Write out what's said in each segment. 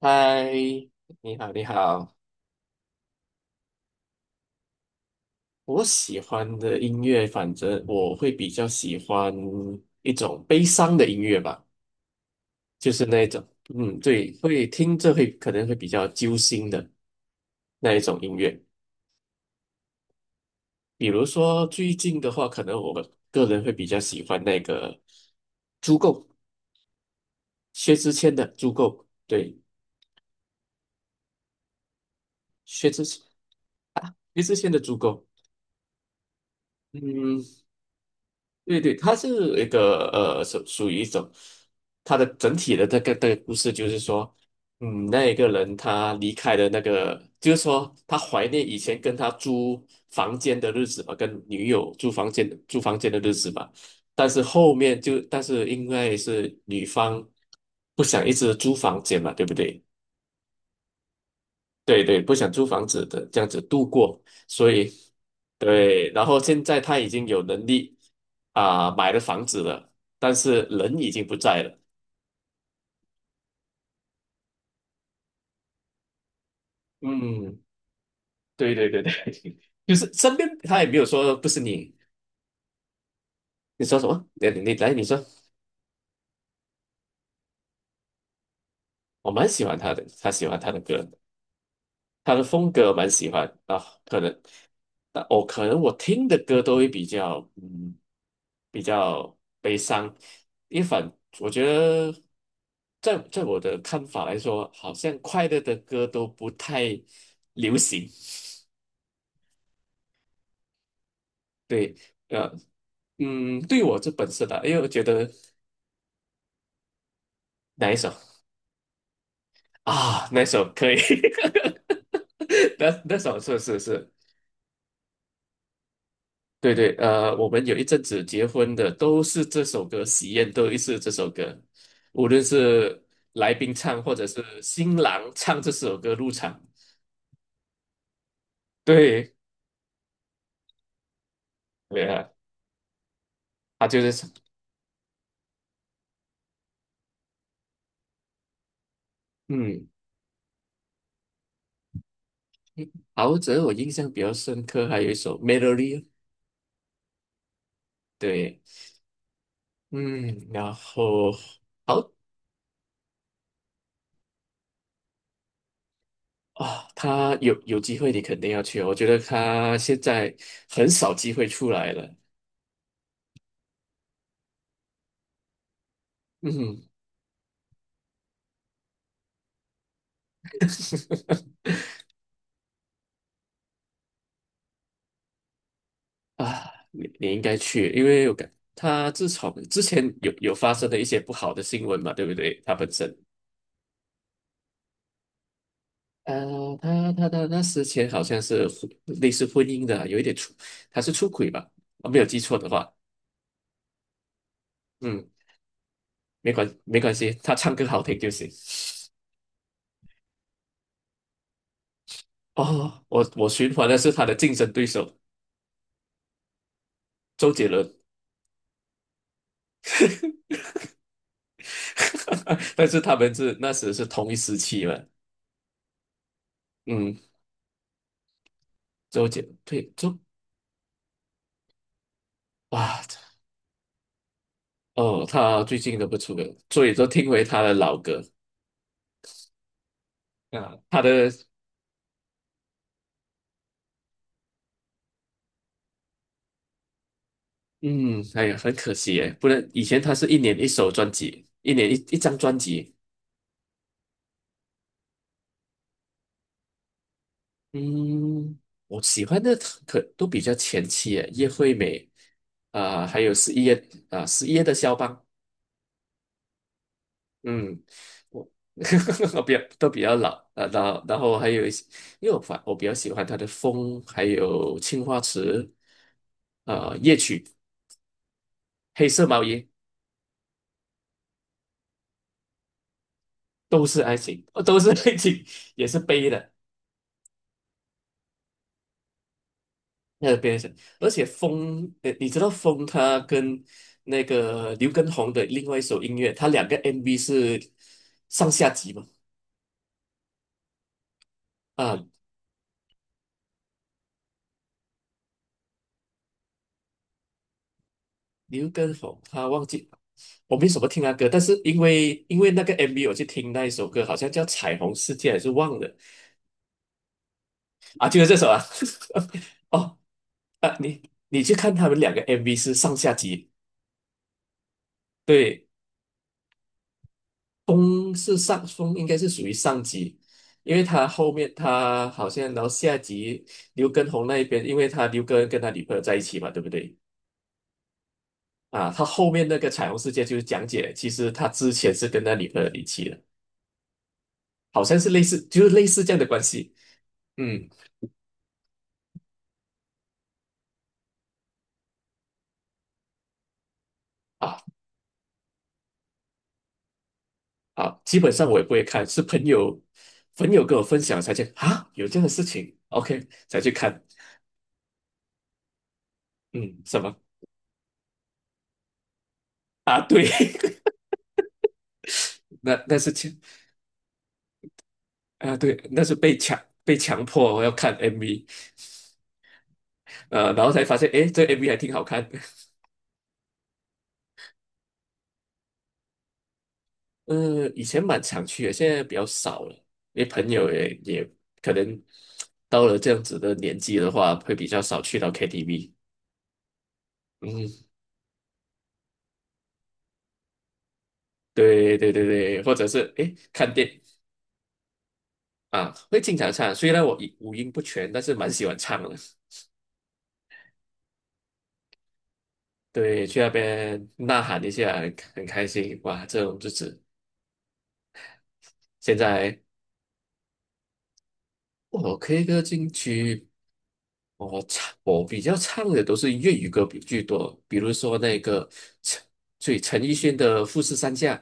嗨，你好，你好。我喜欢的音乐，反正我会比较喜欢一种悲伤的音乐吧，就是那一种，嗯，对，会听着会可能会比较揪心的那一种音乐。比如说最近的话，可能我个人会比较喜欢那个《足够》，薛之谦的《足够》，对，薛之谦啊，薛之谦的《足够》，嗯。对对，它是一个属于一种，它的整体的这个故事就是说，嗯，那一个人他离开了那个，就是说他怀念以前跟他租房间的日子吧，跟女友租房间的日子吧，但是后面就但是因为是女方不想一直租房间嘛，对不对？对对，不想租房子的，这样子度过，所以对，然后现在他已经有能力啊、买了房子了，但是人已经不在了。嗯，对对对对，就是身边他也没有说不是你，你说什么？你来，你说，我蛮喜欢他的，他喜欢他的歌。他的风格蛮喜欢啊，可能，但我可能我听的歌都会比较，嗯，比较悲伤。一反，我觉得在我的看法来说，好像快乐的歌都不太流行。对，呃，嗯，对我这本身的，因为我觉得哪一首哪一首可以，那首是是是。对对，我们有一阵子结婚的都是这首歌，喜宴都是这首歌，无论是来宾唱或者是新郎唱这首歌入场。对，对啊，他就是唱，嗯，陶喆我印象比较深刻，还有一首《Melody》,对，嗯，然后好啊，他有机会你肯定要去哦。我觉得他现在很少机会出来了，嗯。啊，你应该去，因为我感他自从之前有发生的一些不好的新闻嘛，对不对？他本身，他那之前好像是婚类似婚姻的，有一点出，他是出轨吧？我没有记错的话，嗯，没关系，他唱歌好听就行。哦，我循环的是他的竞争对手周杰伦，但是他们是那时是同一时期嘛，嗯，周杰对周哇。哦，他最近都不出歌，所以都听回他的老歌啊，他的嗯，哎呀，很可惜耶，不然以前他是一年一首专辑，一年一张专辑，嗯，我喜欢的可都比较前期耶，叶惠美啊、还有十一月啊，十一月的肖邦，嗯，我 比较都比较老啊，然后还有一些，因为我比较喜欢他的风，还有青花瓷啊、夜曲，黑色毛衣。都是爱情，都是爱情，也是悲的，那个悲情。而且风，你知道风他跟那个刘畊宏的另外一首音乐，他两个 MV 是上下集嘛？啊，刘畊宏他忘记我没什么听他歌，但是因为那个 MV 我去听那一首歌，好像叫《彩虹世界》还是忘了啊，就是这首啊。哦，啊，你去看他们两个 MV 是上下集，对。风是上风，应该是属于上级，因为他后面他好像然后下集刘畊宏那一边，因为他刘畊跟他女朋友在一起嘛，对不对？啊，他后面那个彩虹世界就是讲解，其实他之前是跟他女朋友离奇了，好像是类似，就是类似这样的关系。嗯，啊啊，基本上我也不会看，是朋友跟我分享才去啊，有这样的事情，OK 才去看。嗯，什么啊？对，那是前啊，对，那是被强迫我要看 MV,然后才发现，诶，这 MV 还挺好看的。以前蛮常去的，现在比较少了，因为朋友也可能到了这样子的年纪的话，会比较少去到 KTV。嗯，对对对对，或者是诶，看电啊，会经常唱。虽然我五音不全，但是蛮喜欢唱的。对，去那边呐喊一下，很开心。哇，这种日子现在我 K 歌进去我唱我比较唱的都是粤语歌比居多，比如说那个陈，所以陈奕迅的《富士山下》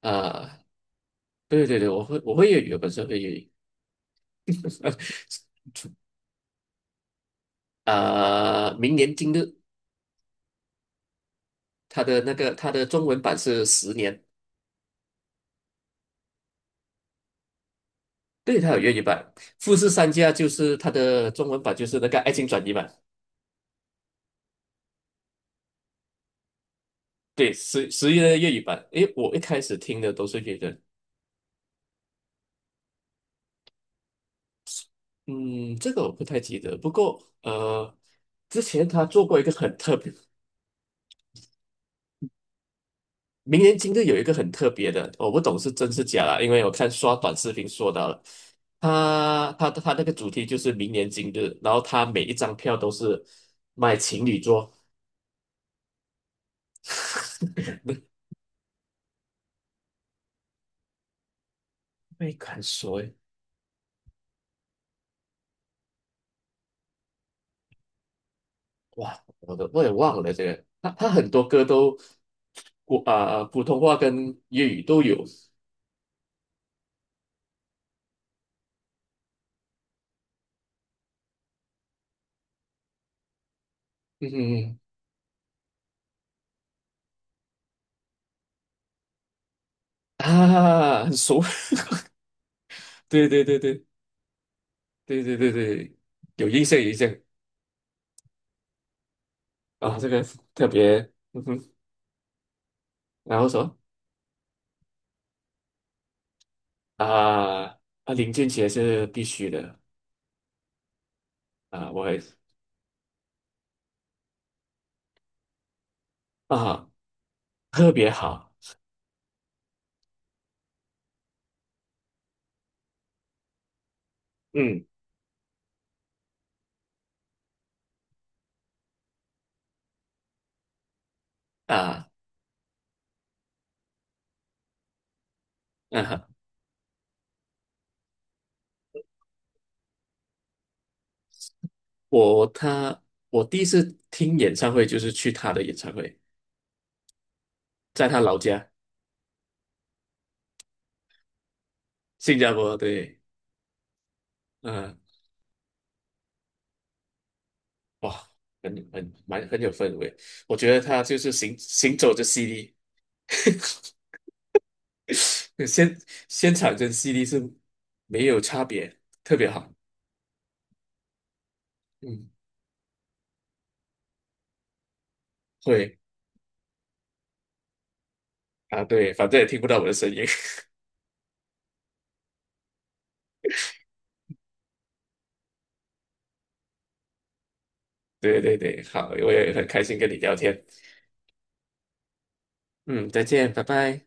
啊、对对对，我会粤语，我本身会粤语啊、明年今日，他的中文版是十年，对，他有粤语版，《富士山下》就是他的中文版，就是那个《爱情转移》版，对，十一的粤语版。诶，我一开始听的都是粤语的嗯，这个我不太记得，不过之前他做过一个很特别。明年今日有一个很特别的，我不懂是真是假啦，因为我看刷短视频说到了，他那个主题就是明年今日，然后他每一张票都是卖情侣桌，没敢说诶，哇，我也忘了这个，他很多歌都国啊、普通话跟粤语都有，嗯哼啊，很熟，对对对对对对对对，有印象有印象啊，这个特别，嗯哼，然后什么？啊，啊，林俊杰是必须的啊，我也是啊，特别好，嗯啊，啊，我他我第一次听演唱会就是去他的演唱会，在他老家新加坡，对，嗯、哇，很蛮很有氛围，我觉得他就是行走着 CD,现现场跟 CD 是没有差别，特别好，嗯，会啊，对，反正也听不到我的声音。对对对，好，我也很开心跟你聊天。嗯，再见，拜拜。